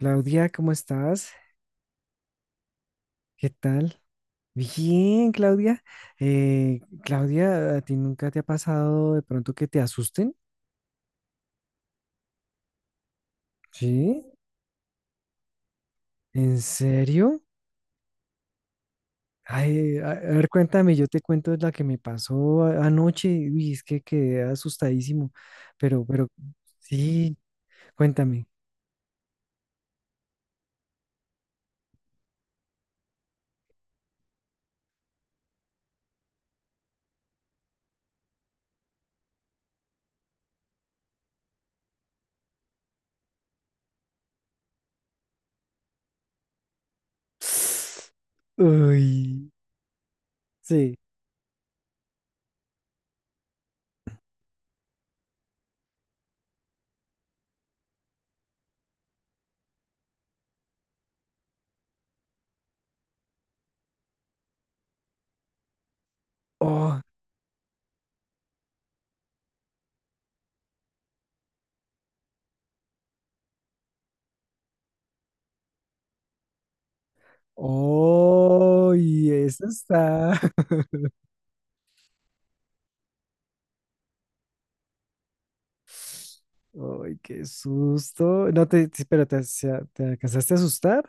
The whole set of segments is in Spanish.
Claudia, ¿cómo estás? ¿Qué tal? Bien, Claudia. Claudia, ¿a ti nunca te ha pasado de pronto que te asusten? ¿Sí? ¿En serio? Ay, a ver, cuéntame, yo te cuento la que me pasó anoche. Uy, es que quedé asustadísimo. Pero, sí, cuéntame. Uy, sí. Oh, oh, y eso está. Ay, qué susto. No te, sí, pero te, te alcanzaste a asustar.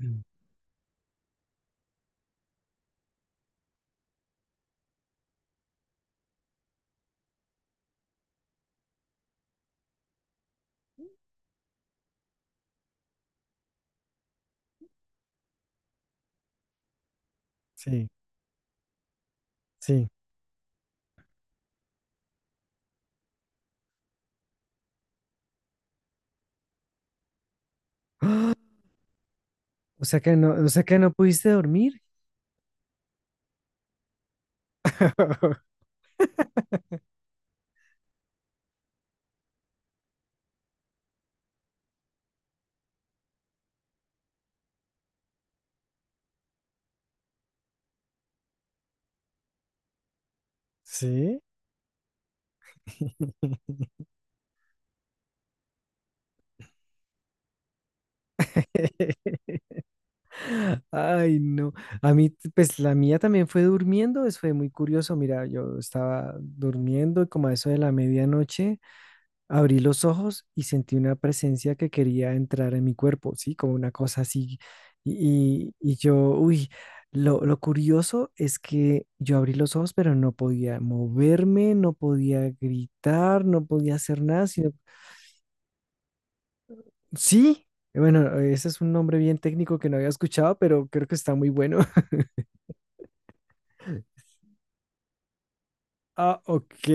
Mm. Sí, sí. ¡Ah! O sea que no, o sea que no pudiste dormir. Sí. Ay, no. A mí, pues la mía también fue durmiendo. Eso fue muy curioso. Mira, yo estaba durmiendo y como a eso de la medianoche. Abrí los ojos y sentí una presencia que quería entrar en mi cuerpo, ¿sí? Como una cosa así. Y, y yo, uy, lo curioso es que yo abrí los ojos, pero no podía moverme, no podía gritar, no podía hacer nada, sino, sí. Bueno, ese es un nombre bien técnico que no había escuchado, pero creo que está muy bueno. Ah, ok.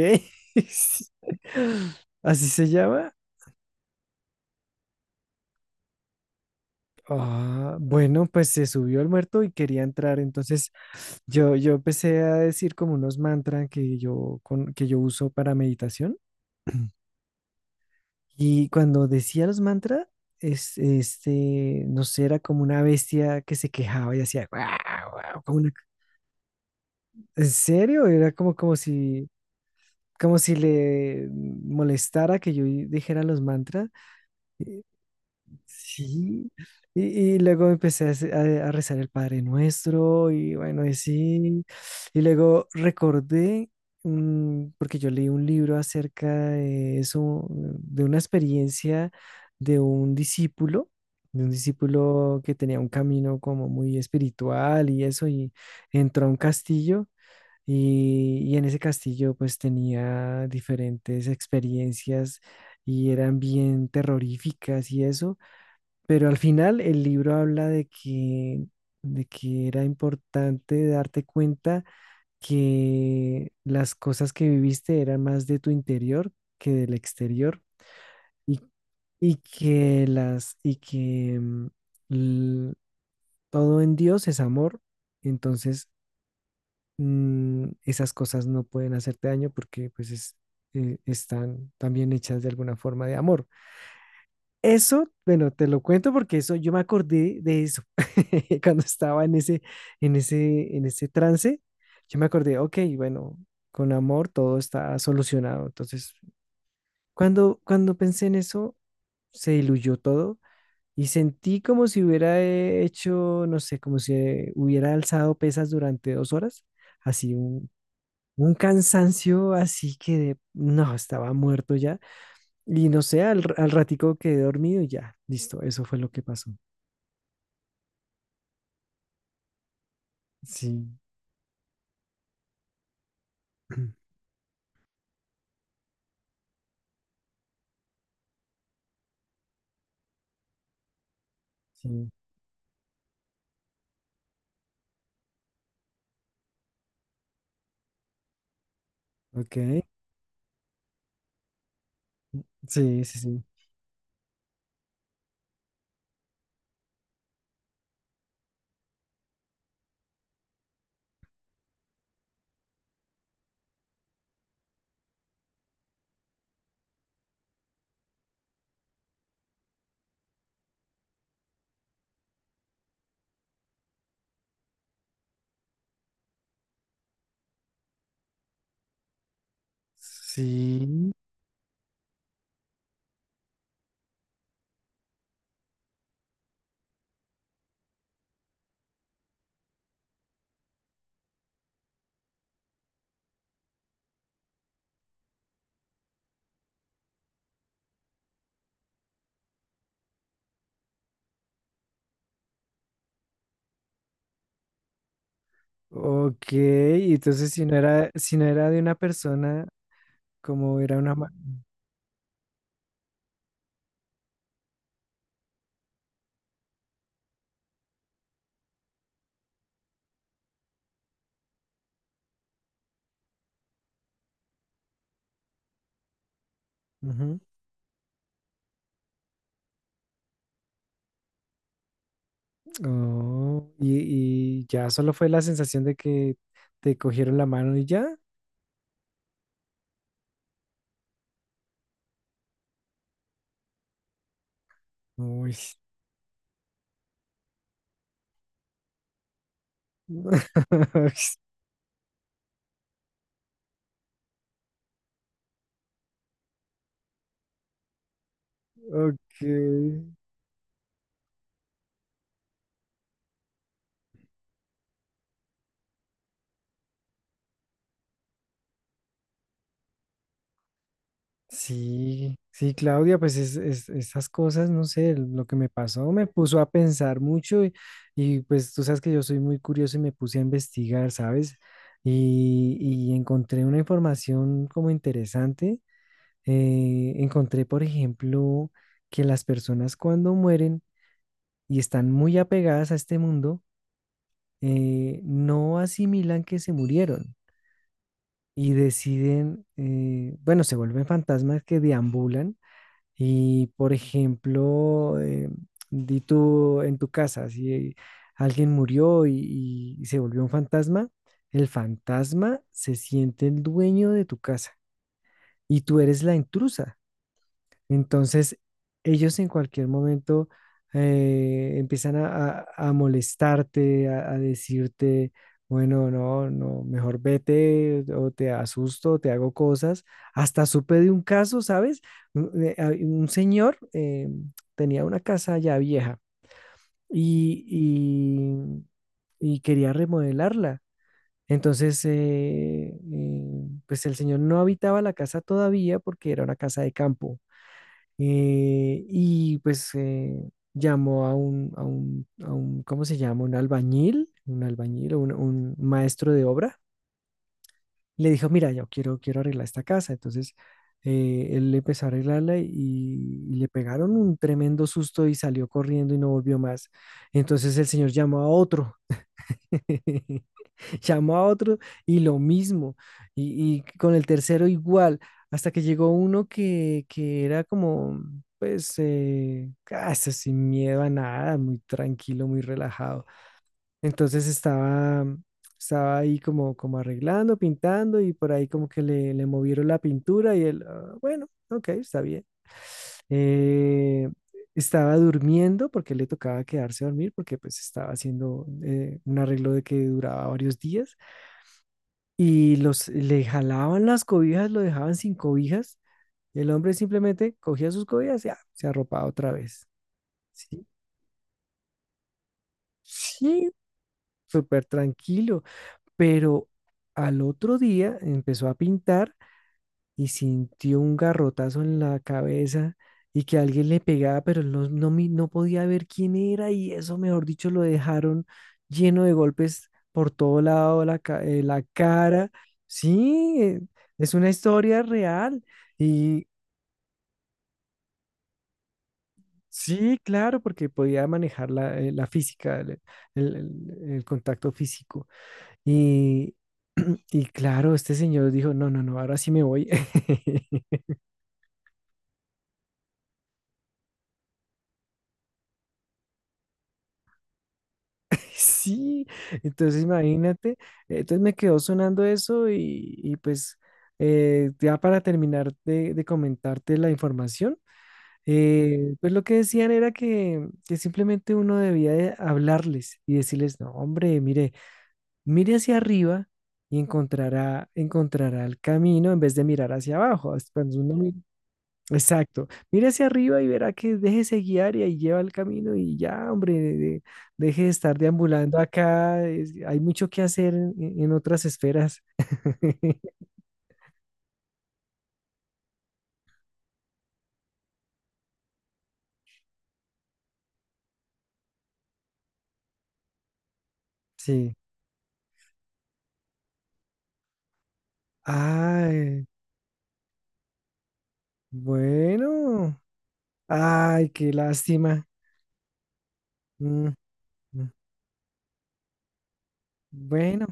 ¿Así se llama? Ah, bueno, pues se subió al muerto y quería entrar, entonces yo empecé a decir como unos mantras que yo, con, que yo uso para meditación. Y cuando decía los mantras, es, este, no sé, era como una bestia que se quejaba y hacía, "Guau, guau", como una- ¿en serio? Era como, como si le molestara que yo dijera los mantras. Sí, y luego empecé a, a rezar el Padre Nuestro y bueno, y sí, y luego recordé, mm, porque yo leí un libro acerca de eso, de una experiencia de un discípulo, de un discípulo que tenía un camino como muy espiritual y eso, y entró a un castillo. Y en ese castillo pues tenía diferentes experiencias y eran bien terroríficas y eso. Pero al final el libro habla de que era importante darte cuenta que las cosas que viviste eran más de tu interior que del exterior y, y que las y que l- todo en Dios es amor. Entonces, esas cosas no pueden hacerte daño porque pues es, están también hechas de alguna forma de amor. Eso, bueno, te lo cuento porque eso, yo me acordé de eso cuando estaba en ese, en ese, en ese trance. Yo me acordé, ok, bueno, con amor todo está solucionado. Entonces, cuando pensé en eso, se diluyó todo y sentí como si hubiera hecho, no sé, como si hubiera alzado pesas durante 2 horas, así un cansancio, así que de- no, estaba muerto ya. Y no sé, al ratico quedé dormido y ya, listo, eso fue lo que pasó. Sí, sí, ok, sí, sí, sí, sí, ok, y entonces si no era, si no era de una persona, como era una... ma- Ujú. Oh, y ya solo fue la sensación de que te cogieron la mano y ya. Uy. Ok, sí, sí, Claudia, pues es, esas cosas, no sé, lo que me pasó me puso a pensar mucho y, pues tú sabes que yo soy muy curioso y me puse a investigar, ¿sabes? Y encontré una información como interesante. Encontré, por ejemplo, que las personas cuando mueren y están muy apegadas a este mundo, no asimilan que se murieron y deciden, bueno, se vuelven fantasmas que deambulan. Y por ejemplo, di tú en tu casa, si alguien murió y se volvió un fantasma, el fantasma se siente el dueño de tu casa y tú eres la intrusa. Entonces, ellos en cualquier momento empiezan a, a molestarte, a decirte, bueno, no, no, mejor vete o te asusto, o te hago cosas. Hasta supe de un caso, ¿sabes? Un, hay un señor tenía una casa ya vieja y, y quería remodelarla. Entonces, pues el señor no habitaba la casa todavía porque era una casa de campo y pues llamó a un, a un, a un, ¿cómo se llama? Un albañil, un albañil, un maestro de obra. Le dijo, mira, yo quiero, quiero arreglar esta casa. Entonces, él empezó a arreglarla y le pegaron un tremendo susto y salió corriendo y no volvió más. Entonces el señor llamó a otro. Llamó a otro y lo mismo, y con el tercero igual, hasta que llegó uno que era como, pues, casi sin miedo a nada, muy tranquilo, muy relajado. Entonces estaba, estaba ahí como, como arreglando, pintando, y por ahí como que le movieron la pintura y él, "Ah, bueno, ok, está bien. Eh, Estaba durmiendo porque le tocaba quedarse a dormir porque pues estaba haciendo un arreglo de que duraba varios días y los le jalaban las cobijas, lo dejaban sin cobijas, y el hombre simplemente cogía sus cobijas y ah, se arropaba otra vez." Sí, sí, súper tranquilo. Pero al otro día empezó a pintar y sintió un garrotazo en la cabeza y que alguien le pegaba, pero él no, no, no podía ver quién era y eso, mejor dicho, lo dejaron lleno de golpes por todo lado, la, la cara. Sí, es una historia real y sí, claro, porque podía manejar la, la física, el, el contacto físico. Y, y claro, este señor dijo, no, no, no, ahora sí me voy. Sí, entonces imagínate, entonces me quedó sonando eso y pues ya para terminar de comentarte la información, pues lo que decían era que simplemente uno debía de hablarles y decirles, no, hombre, mire, mire hacia arriba y encontrará, encontrará el camino en vez de mirar hacia abajo. Es Cuando uno mi- Exacto. Mira hacia arriba y verá que déjese guiar y ahí lleva el camino y ya, hombre, deje de estar deambulando acá. Es- hay mucho que hacer en otras esferas. Sí. Ay, bueno. Ay, qué lástima. Mm, mm. Bueno,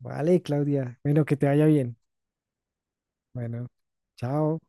vale, Claudia. Bueno, que te vaya bien. Bueno, chao.